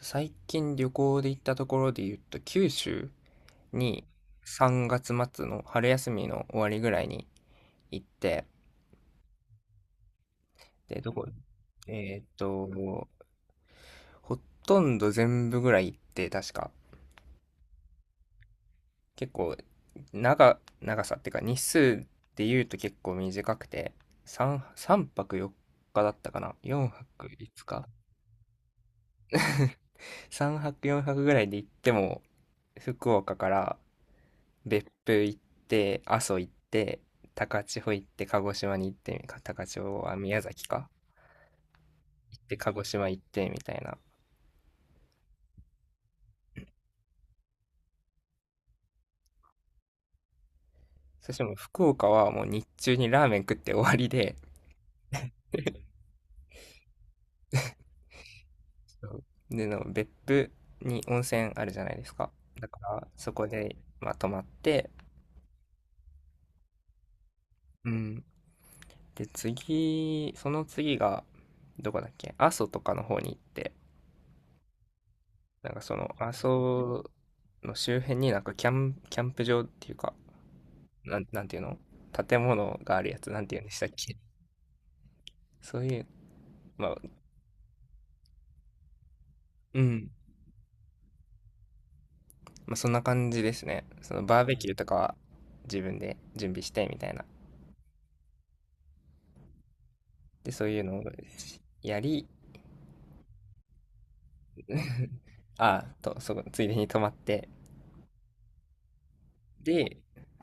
最近旅行で行ったところで言うと、九州に3月末の春休みの終わりぐらいに行って、で、どこ、えーっと、ほとんど全部ぐらい行って、確か、結構、長さっていうか、日数で言うと結構短くて、3泊4日だったかな？ 4 泊5日？ 3 泊4泊、よんはくぐらいで行っても、福岡から別府行って、阿蘇行って、高千穂行って、鹿児島に行って、か、高千穂は宮崎か、行って、鹿児島行って、みたいな。そしてもう福岡はもう日中にラーメン食って終わりで、そう、での別府に温泉あるじゃないですか。だからそこで、まあ、泊まって、うん。で、次、その次が、どこだっけ、阿蘇とかの方に行って、なんかその阿蘇の周辺になんかキャンプ場っていうか、なんていうの、建物があるやつ、なんていうんでしたっけ、そういう、まあ、うん。まあ、そんな感じですね。そのバーベキューとかは自分で準備してみたいな。で、そういうのをやり、ああ、と、そこ、ついでに泊まって。で、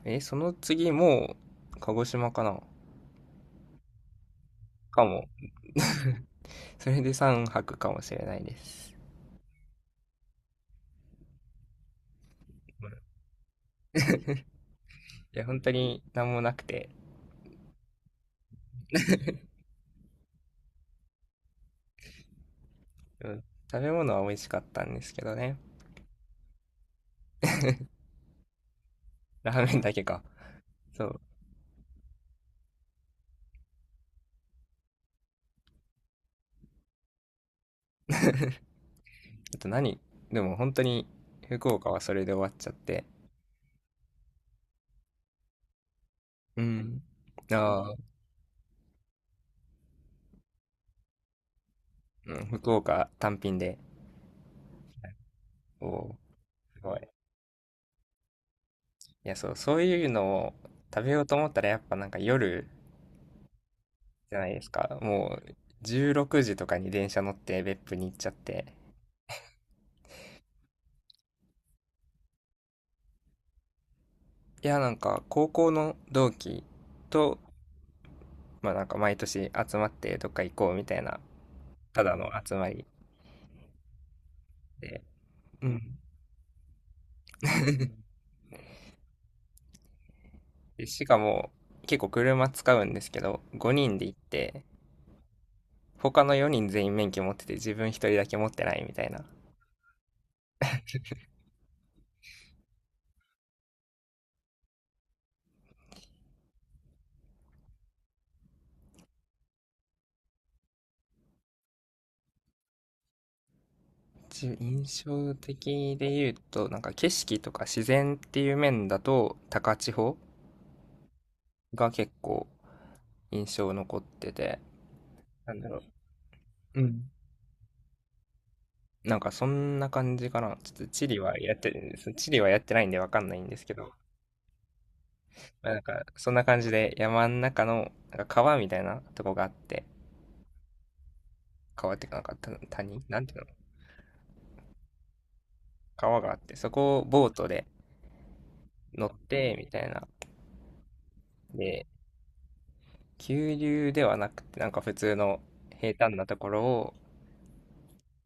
その次も、鹿児島かなかも。それで3泊かもしれないです。うん、いや、本当に何もなくて、うん、食べ物は美味しかったんですけどね。ラーメンだけか。そう。あと何でも本当に福岡はそれで終わっちゃって。うん。あーうん、福岡単品で。おー、すごい。いや、そう、そういうのを食べようと思ったらやっぱなんか夜じゃないですか。もう16時とかに電車乗って別府に行っちゃって。いや、なんか高校の同期と、まあなんか毎年集まってどっか行こうみたいな、ただの集まりで。うん。でしかも結構車使うんですけど、5人で行って、他の4人全員免許持ってて自分一人だけ持ってないみたいな。印象的で言うとなんか景色とか自然っていう面だと高千穂が結構印象残ってて、なんだろう、うん、なんかそんな感じかな。ちょっと地理はやってそう、地理はやってないんでわかんないんですけど、まあ、なんかそんな感じで山の中のなんか川みたいなとこがあって、川っていうかなんか谷、なんていうの、川があってそこをボートで乗ってみたいな。で、急流ではなくて、なんか普通の平坦なところを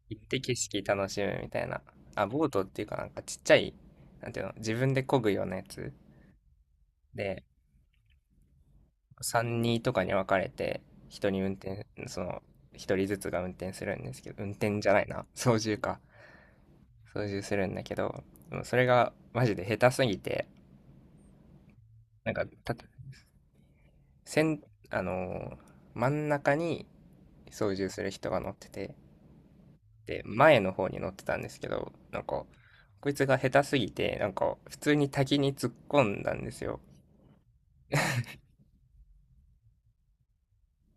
行って景色楽しむみたいな。あ、ボートっていうかなんかちっちゃい、なんていうの、自分で漕ぐようなやつで、3、人とかに分かれて、人に運転、その、一人ずつが運転するんですけど、運転じゃないな、操縦か。操縦するんだけど、でもそれがマジで下手すぎて、なんか、た、せん、あのー真ん中に操縦する人が乗ってて、で、前の方に乗ってたんですけど、なんか、こいつが下手すぎて、なんか、普通に滝に突っ込んだんですよ。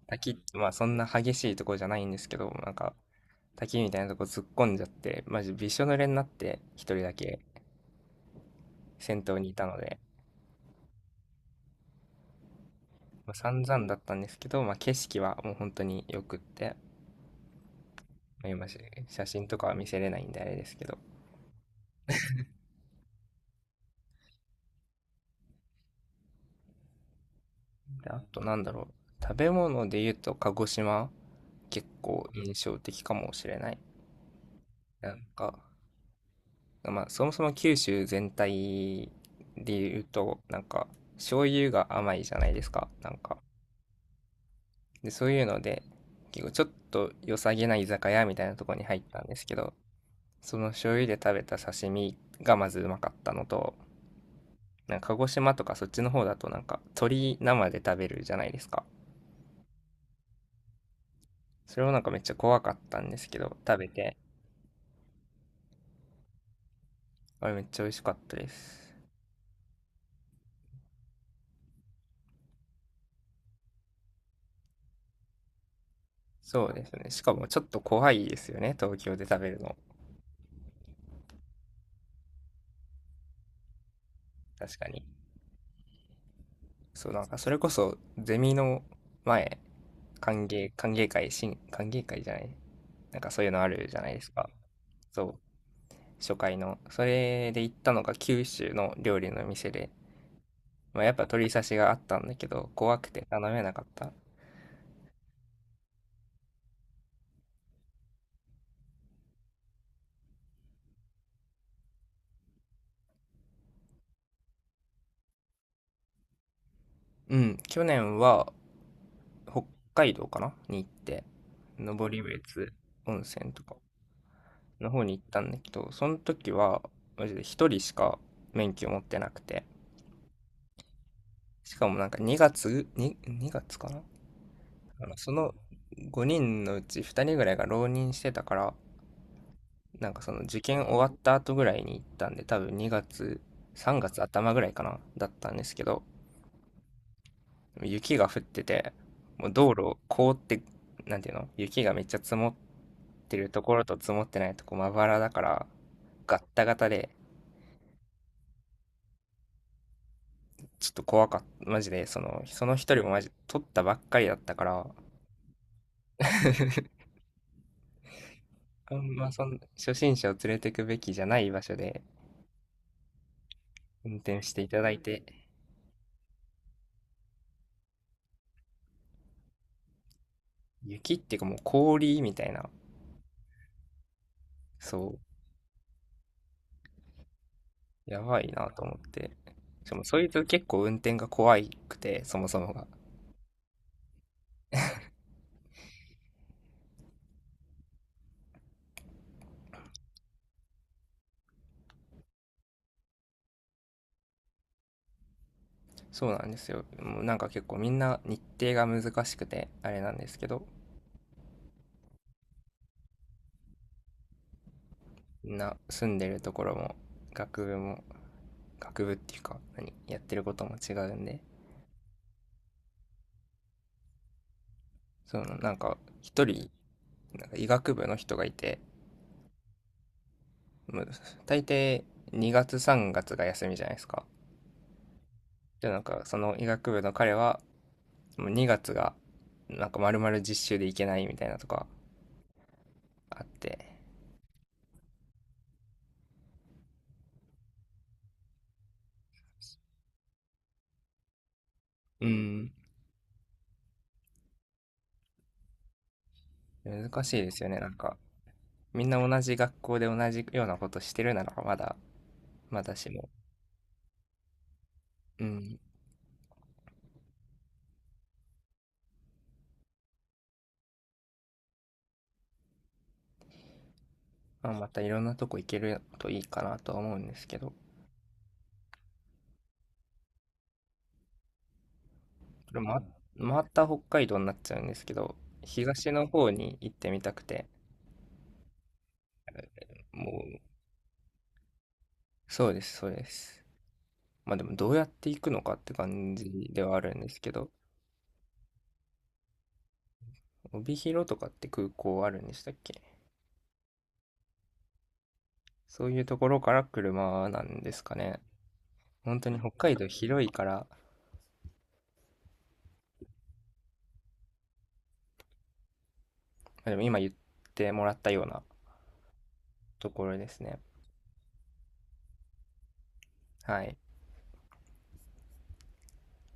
滝って、まあそんな激しいとこじゃないんですけど、なんか、滝みたいなとこ突っ込んじゃって、マジびしょ濡れになって、一人だけ先頭にいたので、まあ、散々だったんですけど、まあ景色はもう本当に良くって、まあ、写真とかは見せれないんであれですけど。で、あとなんだろう。食べ物で言うと鹿児島、結構印象的かもしれない。なんか、まあ、そもそも九州全体で言うと、なんか、醤油が甘いじゃないですか、なんか。で、そういうので、結構ちょっと良さげな居酒屋みたいなところに入ったんですけど、その醤油で食べた刺身がまずうまかったのと、なんか鹿児島とかそっちの方だとなんか鶏生で食べるじゃないですか。それもなんかめっちゃ怖かったんですけど、食べて、あれめっちゃ美味しかったです。そうですね。しかもちょっと怖いですよね、東京で食べるの。確かに。そう、なんかそれこそゼミの前、歓迎会、歓迎会じゃない、なんかそういうのあるじゃないですか。そう、初回の。それで行ったのが九州の料理の店で、まあ、やっぱ鳥刺しがあったんだけど、怖くて頼めなかった。うん、去年は北海道かなに行って、登別温泉とかの方に行ったんだけど、その時はマジで一人しか免許持ってなくて、しかもなんか2月、2月かな、その5人のうち2人ぐらいが浪人してたからなんかその受験終わった後ぐらいに行ったんで、多分2月3月頭ぐらいかな、だったんですけど、雪が降っててもう道路凍って、なんていうの、雪がめっちゃ積もってるところと積もってないとこまばらだからガッタガタで、ちょっと怖かった、マジで。その一人もマジ取ったばっかりだったから、あんま初心者を連れてくべきじゃない場所で運転していただいて、雪っていうかもう氷みたいな、そう、やばいなと思って。しかもそいつ結構運転が怖くて、そもそもが。そうなんですよ。もうなんか結構みんな日程が難しくて、あれなんですけど、みんな住んでるところも、学部も、学部っていうか、何、やってることも違うんで、そのなんか一人、なんか医学部の人がいて、もう大抵2月3月、が休みじゃないですか。で、なんかその医学部の彼はもう2月がなんか丸々実習で行けないみたいなとかあって、うん。難しいですよねなんか、みんな同じ学校で同じようなことしてるならまだしも、うん。まあ、またいろんなとこ行けるといいかなとは思うんですけど、これままた北海道になっちゃうんですけど、東の方に行ってみたくて、もう、そうですそうです、まあでもどうやって行くのかって感じではあるんですけど、帯広とかって空港あるんでしたっけ、そういうところから車なんですかね。本当に北海道広いから、まあ、でも今言ってもらったようなところですね。はい。